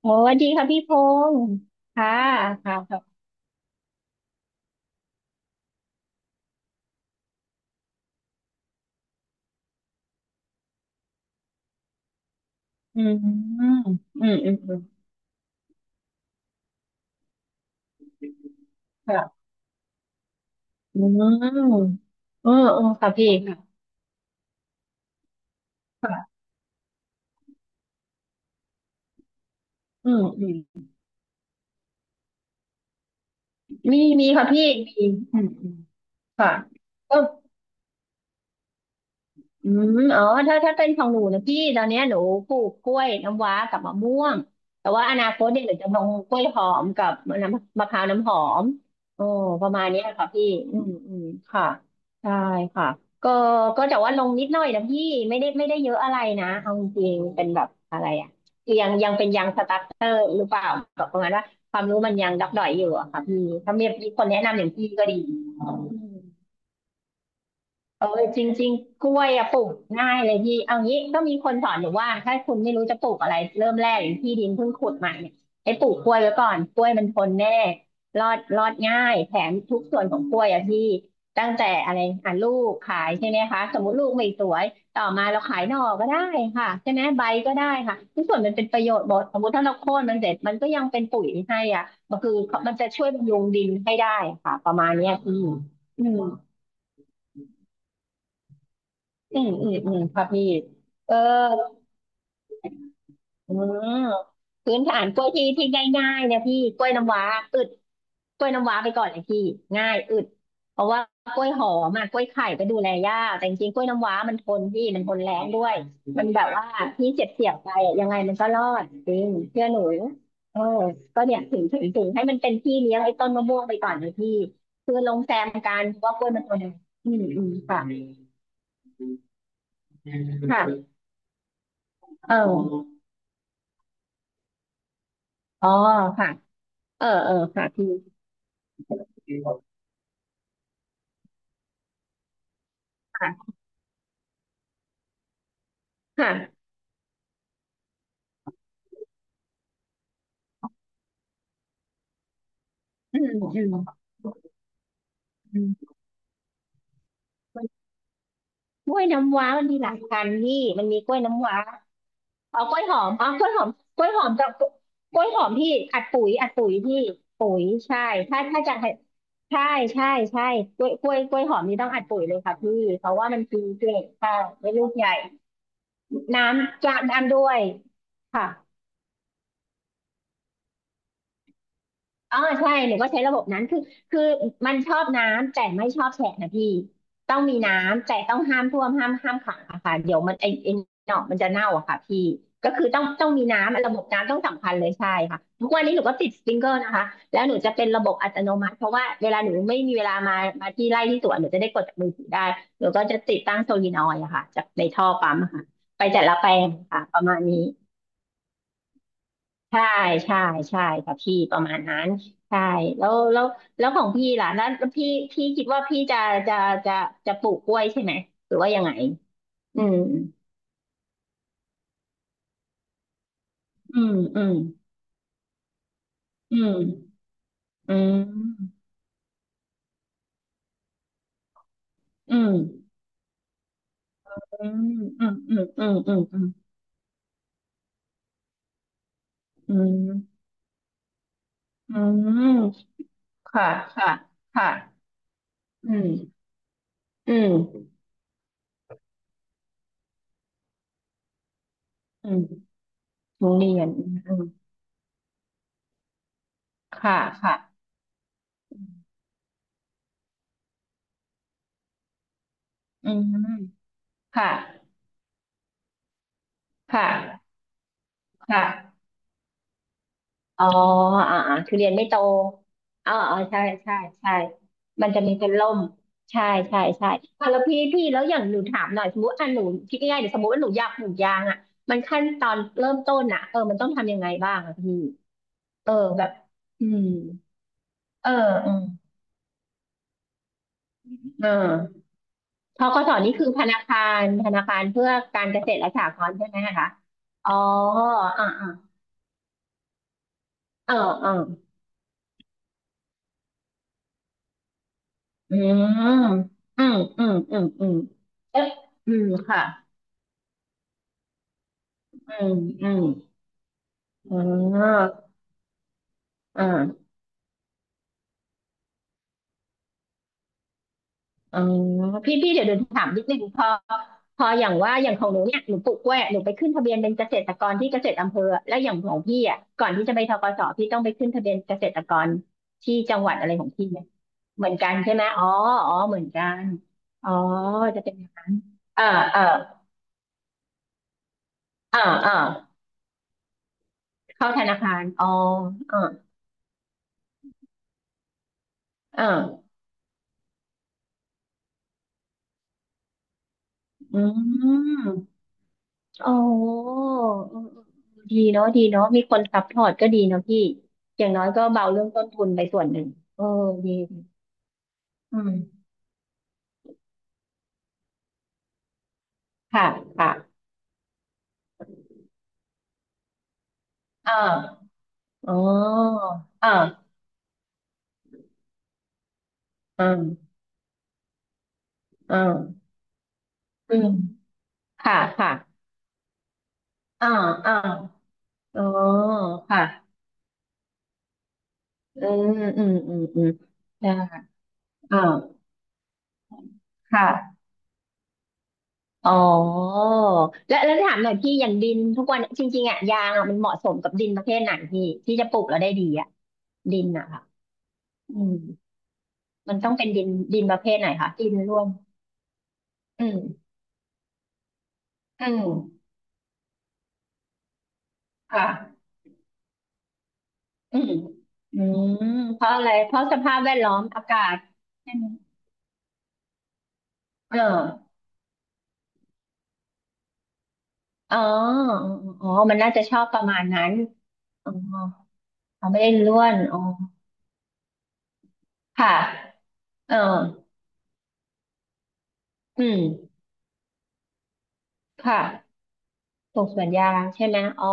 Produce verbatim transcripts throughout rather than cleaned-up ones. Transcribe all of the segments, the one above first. โอ้สวัสดีค่ะพี่พงศ์ค่ะค่ะค่ะอืมอืมอืมอืมค่ะอืมเออเออค่ะพี่ค่ะค่ะอืมอืมมีมีค่ะพี่มีอืมอืมค่ะ อืมอ๋อถ้าถ้าเป็นของหนูนะพี่ตอนเนี้ยหนูปลูกกล้วยน้ำว้ากับมะม่วงแต่ว่าอนาคตเนี่ยหนูจะลงกล้วยหอมกับน้ำมะพร้าวน้ำหอมโอ้ประมาณเนี้ยค่ะพี่อืมอืมค่ะใช่ค่ะก็ก็แต่ว่าลงนิดหน่อยนะพี่ไม่ได้ไม่ได้เยอะอะไรนะเอาจริงๆเป็นแบบอะไรอะยังยังเป็นยังสตาร์เตอร์หรือเปล่าแบบประมาณว่าความรู้มันยังดักดอยอยู่อะค่ะพี่ถ้ามีคนแนะนำอย่างพี่ก็ดี เออจริงๆกล้วยอะปลูกง่ายเลยพี่เอางี้ก็มีคนสอนหนูว่าถ้าคุณไม่รู้จะปลูกอะไรเริ่มแรกอย่างที่ดินเพิ่งขุดใหม่เนี่ยให้ปลูกกล้วยไว้ก่อนกล้วยมันทนแน่รอดรอดง่ายแถมทุกส่วนของกล้วยอะพี่ตั้งแต่อะไรอ่ะลูกขายใช่ไหมคะสมมติลูกไม่สวยต่อมาเราขายหน่อก็ได้ค่ะใช่ไหมใบก็ได้ค่ะทุกส่วนมันเป็นประโยชน์หมดสมมติถ้าเราโค่นมันเสร็จมันก็ยังเป็นปุ๋ยให้อ่ะมันคือมันจะช่วยบำรุงดินให้ได้ค่ะประมาณเนี้ยพี่อืม อืมอืมอืมค่ะพี่เอออืมพื้นฐานกล้วยที่ที่ง่ายๆนะพี่กล้วยน้ำว้าอึดกล้วยน้ำว้าไปก่อนเลยพี่ง่ายอึดเพราะว่ากล้วยหอมอะกล้วยไข่ก็ดูแลยากแต่จริงๆกล้วยน้ำว้ามันทนพี่มันทนแรงด้วยมันแบบว่าพี่เจ็บเสียบไปอะยังไงมันก็รอดจริงเชื่อหนูเออก็เนี่ยถึงถึงถึงให้มันเป็นพี่เลี้ยงไอ้ต้นมะม่วงไปก่อนเลยพี่คือลงแซมกันเพราะว่ากล้วยมันทนอืมอืมค่ะค่ะเออ อ๋อค่ะเออเออค่ะพี่ค่ะค่ะอืมอืมอืมมันกล้วยน้ำว้ามันมีหลายพันธุ์พี่มันมีกล้วยน้ำว้าเอากล้วยหอมเอากล้วยหอมกล้วยหอมกับกล้วยหอมพี่อัดปุ๋ยอัดปุ๋ยพี่ปุ๋ยใช่ถ้าถ้าจะให้ใช่ใช่ใช่กล้วยกล้วยกล้วยหอมนี่ต้องอัดปุ๋ยเลยค่ะพี่เพราะว่ามันกินเก่งค่ะไม่ลูกใหญ่น้ำจะน้ำด้วยค่ะ อ๋อใช่หนูก็ใช้ระบบนั้นคือคือมันชอบน้ำแต่ไม่ชอบแฉะนะพี่ต้องมีน้ำแต่ต้องห้ามท่วมห้ามห้ามขังอะค่ะเดี๋ยวมันไอไอหนอกมันจะเน่าอะค่ะพี่ก็คือต้องต้องมีน้ำระบบน้ำต้องสำคัญเลยใช่ค่ะทุกวันนี้หนูก็ติดสปริงเกอร์นะคะแล้วหนูจะเป็นระบบอัตโนมัติเพราะว่าเวลาหนูไม่มีเวลามามาที่ไร่ที่สวนหนูจะได้กดจากมือถือได้หนูก็จะติดตั้งโซลีนอยด์อะค่ะจากในท่อปั๊มอะค่ะไปแต่ละแปลงค่ะประมาณนี้ ใช่ใช่ใช่ค่ะพี่ประมาณนั้นใช่แล้วแล้วแล้วของพี่ล่ะแล้วแล้วพี่พี่คิดว่าพี่จะจะจะจะปลูกกล้วยใช่ไหมหรือว่ายังไงอืมอืมอืมอืมอืมอืมอืมอืมอืมอืมอืมอืมอืมอืมค่ะค่ะค่ะอืมอืมอืมโรงเรียนอืมค่ะค่ะอืมค่ะค่ะค่ะ อ๋ออ่าอ่าคือเรียนไม่โตอ๋ออ๋อใช่ใช่ใช่มันจะมีเป็นร่มใช่ใช่ใช่อ่ะแล้วพี่พี่แล้วอย่างหนูถามหน่อยสมมติอ่ะหนูคิดง่ายๆเดี๋ยวสมมติว่าหนูอยากปลูกยางอ่ะมันขั้นตอนเริ่มต้นอ่ะเออมันต้องทำยังไงบ้างอ่ะพี่เออแบบอืมเอออืมเออพกสนี่คือธนาคารธนาคารเพื่อการเกษตรและสหกรณ์ใช่ไหมคะอ๋ออ่าอ่าเออเอออืมอืมอืมอืมอืมเอ๊ะอืมค่ะ อืมอืมอ๋ออ่าอ๋อพี่พี่เดี๋ยวเดี๋ยวถามนิดนึงพอพออย่างว่าอย่างของหนูเนี่ยหนูปลูกกล้วยหนูไปขึ้นทะเบียนเป็นเกษตรกรที่เกษตรอำเภอแล้วอย่างของพี่อ่ะก่อนที่จะไปธกสพี่ต้องไปขึ้นทะเบียนเกษตรกรที่จังหวัดอะไรของพี่เนี่ยเหมือนกันใช่ไหมอ๋ออ๋อเหมือนกันอ๋อจะเป็นอย่างนั้นเออเออเออเออเข้าธนาคารอ๋อเออเอออืม อ๋อเอืมอืดีเนาะดีเนาะมีคนซัพพอร์ตก็ดีเนาะพี่อย่างน้อยก็เบาเรื่องต้นทุนไปส่วนหนึ่งเออดีดีอืมค่ะค่ะอ่าอ๋ออ่าอ่าอ่าอืมค่ะค่ะอ่าอ่าอ๋อค่ะอืมอืมอืมอืมได้อ่าค่ะอ๋อแล้วแล้วถามหน่อยพี่อย่างดินทุกวันจริงๆอ่ะยางอะมันเหมาะสมกับดินประเภทไหนพี่ที่จะปลูกแล้วได้ดีอ่ะดินอ่ะ อืมมันต้องเป็นดินดินประเภทไหนคะดินร่วนอืมอืมค่ะอืมอืมเพราะอะไรเพราะสภาพแวดล้อมอากาศใช่ไหมเอออ๋ออ๋อมันน่าจะชอบประมาณนั้นอ๋อเขาไม่ได้ร่วนอ๋อค่ะเอออืมค่ะ ปลูกสวนยางใช่ไหม อ๋อ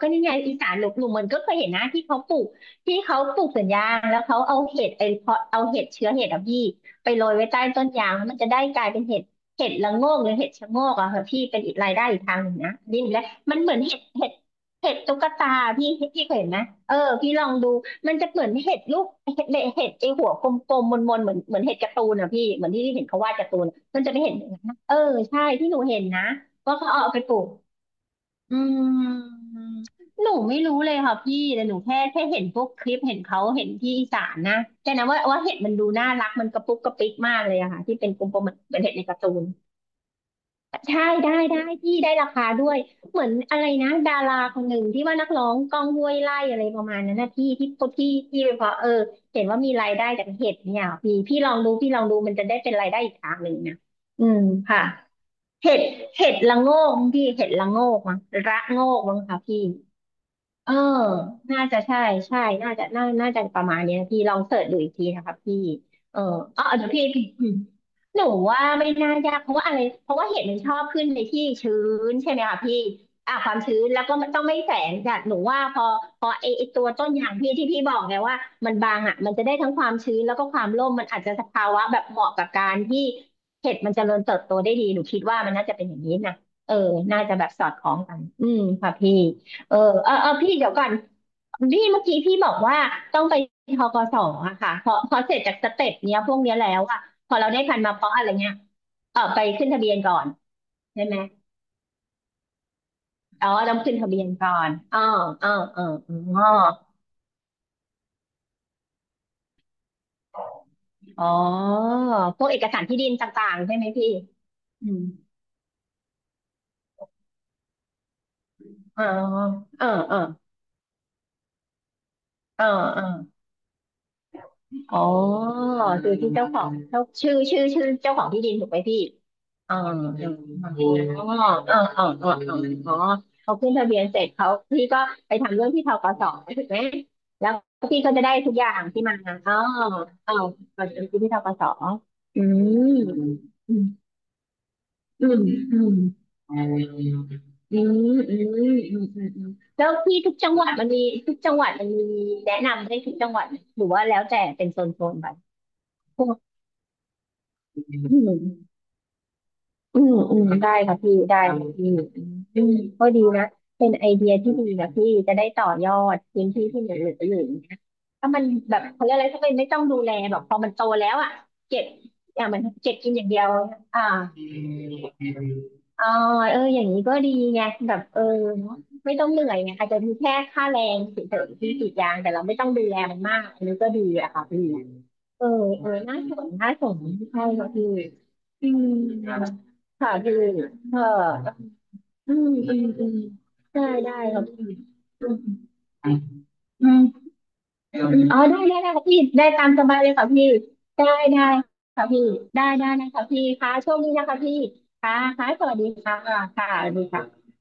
ก็นี่ไงอีสานหลุกหลุมมันก็เคยเห็นนะที่เขาปลูกที่เขาปลูกสวนยางแล้วเขาเอาเห็ดไอเพาะเอาเห็ดเชื้อเห็ดอะพี่ไปโรยไว้ใต้ต้นยางแล้วมันจะได้กลายเป็นเห็ดเห็ดละโงกหรือเห็ดชะโงกอะค่ะพี่เป็นอีกรายได้อีกทางหนึ่งนะนี่อีกแล้วมันเหมือนเห็ดเห็ดเห็ดตุ๊กตาพี่พี่เคยเห็นไหมเออพี่ลองดูมันจะเหมือนเห็ดลูกเห็ดเห็ดไอหัวกลมๆมนๆเหมือนเหมือนเห็ดการ์ตูนอะพี่เหมือนที่เห็นเขาวาดการ์ตูนมันจะไม่เห็นอย่างนั้นนะเออใช่ที่หนูเห็นนะว่าเขาเอาไปปลูก อืมหนูไม่รู้เลยค่ะพี่แต่หนูแค่แค่เห็นพวกคลิปเห็นเขาเห็นที่อีสานนะแต่นะว่าว่าเห็ดมันดูน่ารักมันกระปุกกระปิกมากเลยอะค่ะที่เป็นกลมๆเหมือนเป็นเห็ดในการ์ตูนใช่ได้ได้พี่ได้ราคาด้วยเหมือนอะไรนะดาราคนหนึ่งที่ว่านักร้องก้องห้วยไร่อะไรประมาณนั้นนะพี่ที่พที่ที่เพราะเออเห็นว่ามีรายได้จากเห็ดเนี่ยพี่พี่ลองดูพี่ลองดูมันจะได้เป็นรายได้อีกทางหนึ่งนะอืมค่ะ เห็ด เห็ดละโงกมั้งพี่ เห็ดละโงกมั้งระโงกมั้งคะพี่ เออน่าจะใช่ใช่น่าจะน่าน่าจะประมาณเนี้ยพี่ลองเสิร์ชดูอีกทีนะคะพี่เอออ๋อเดี๋ยวพี่ พี่อืมหนูว่าไม่น่ายากเพราะว่าอะไรเพราะว่าเห็ดมันชอบขึ้นในที่ชื้นใช่ไหมคะพี่อ่ะความชื้นแล้วก็มันต้องไม่แสงจัดหนูว่าพอพอไอไอตัวต้นยางพี่ที่พี่บอกไงว่ามันบางอ่ะมันจะได้ทั้งความชื้นแล้วก็ความร่มมันอาจจะสภาวะแบบเหมาะกับการที่เห็ดมันเจริญเติบโตได้ดีหนูคิดว่ามันน่าจะเป็นอย่างนี้นะเออน่าจะแบบสอดคล้องกันอืมค่ะพี่ เออเออเออพี่เดี๋ยวก่อนพี่เมื่อกี้พี่บอกว่าต้องไปทกสอะค่ะพอพอเสร็จจากสเต็ปเนี้ยพวกเนี้ยแล้วอะพอเราได้พันมาเพราะอะไรเงี้ยเออไปขึ้นทะเบียนก่อนใช่ไหมอ๋อต้องขึ้นทะเบียนก่อนอ๋ออ๋ออ๋ออ๋ออ๋อพวกเอกสารที่ดินต่างๆใช่ไหมพี่อืมอ๋อเออเออเออเออ อ๋อคือที่เจ้าของเจ้าชื่อชื่อชื่อเจ้าของที่ดินถูกไหมพี่อ๋อ๋ออ๋ออ๋ออ๋ออ๋ออ๋อเขาขึ้นทะเบียนเสร็จเขาพี่ก็ไปทำเรื่องที่ธกสถูกไหมแล้วพี่ก็จะได้ทุกอย่างที่มันอ๋ออ๋อก่อนที่ที่ธกสอืมอืมอืมอืมอืมอืมอืมอืมแล้วพี่ทุกจังหวัดมันมีทุกจังหวัดมันมีแนะนำได้ทุกจังหวัดหรือว่าแล้วแต่เป็นโซนๆไป อืมอืมได้ค่ะพี่ได้ค่ะพี่อืมอืมก็ดีนะเป็นไอเดียที่ดีนะพี่จะได้ต่อยอดพื้นที่ที่เหลือเหลืออยู่นะถ้ามันแบบเขาเรียกอะไรถ้ามันไม่ต้องดูแลแบบพอมันโตแล้วอ่ะเก็บอย่างมันเก็บกินอย่างเดียวอ่าอ่าเอออย่างนี้ก็ดีไงแบบเออไม่ต้องเหนื่อยไงอาจจะมีแค่ค่าแรงเฉยๆที่กรีดยางแต่เราไม่ต้องดูแลมันมากอันนี้ก็ดีอะค่ะพี่เออเออน่าสนน่าสนใช่ค่ะพี่อืมค่ะพี่เออเอ อืมอืมอืมได้ได้ครับพี่อืมอ๋อได้ได้ได้ค่ัพี่ได้ตามสบายเลยค่ะพี่ได้ได้ค่ะพี่ได้ได้นะคะพี่ค่ะโชคดีนะคะพี่ค่ะค่ะสวัสดีค่ะค่ะสวัสดีค่ะ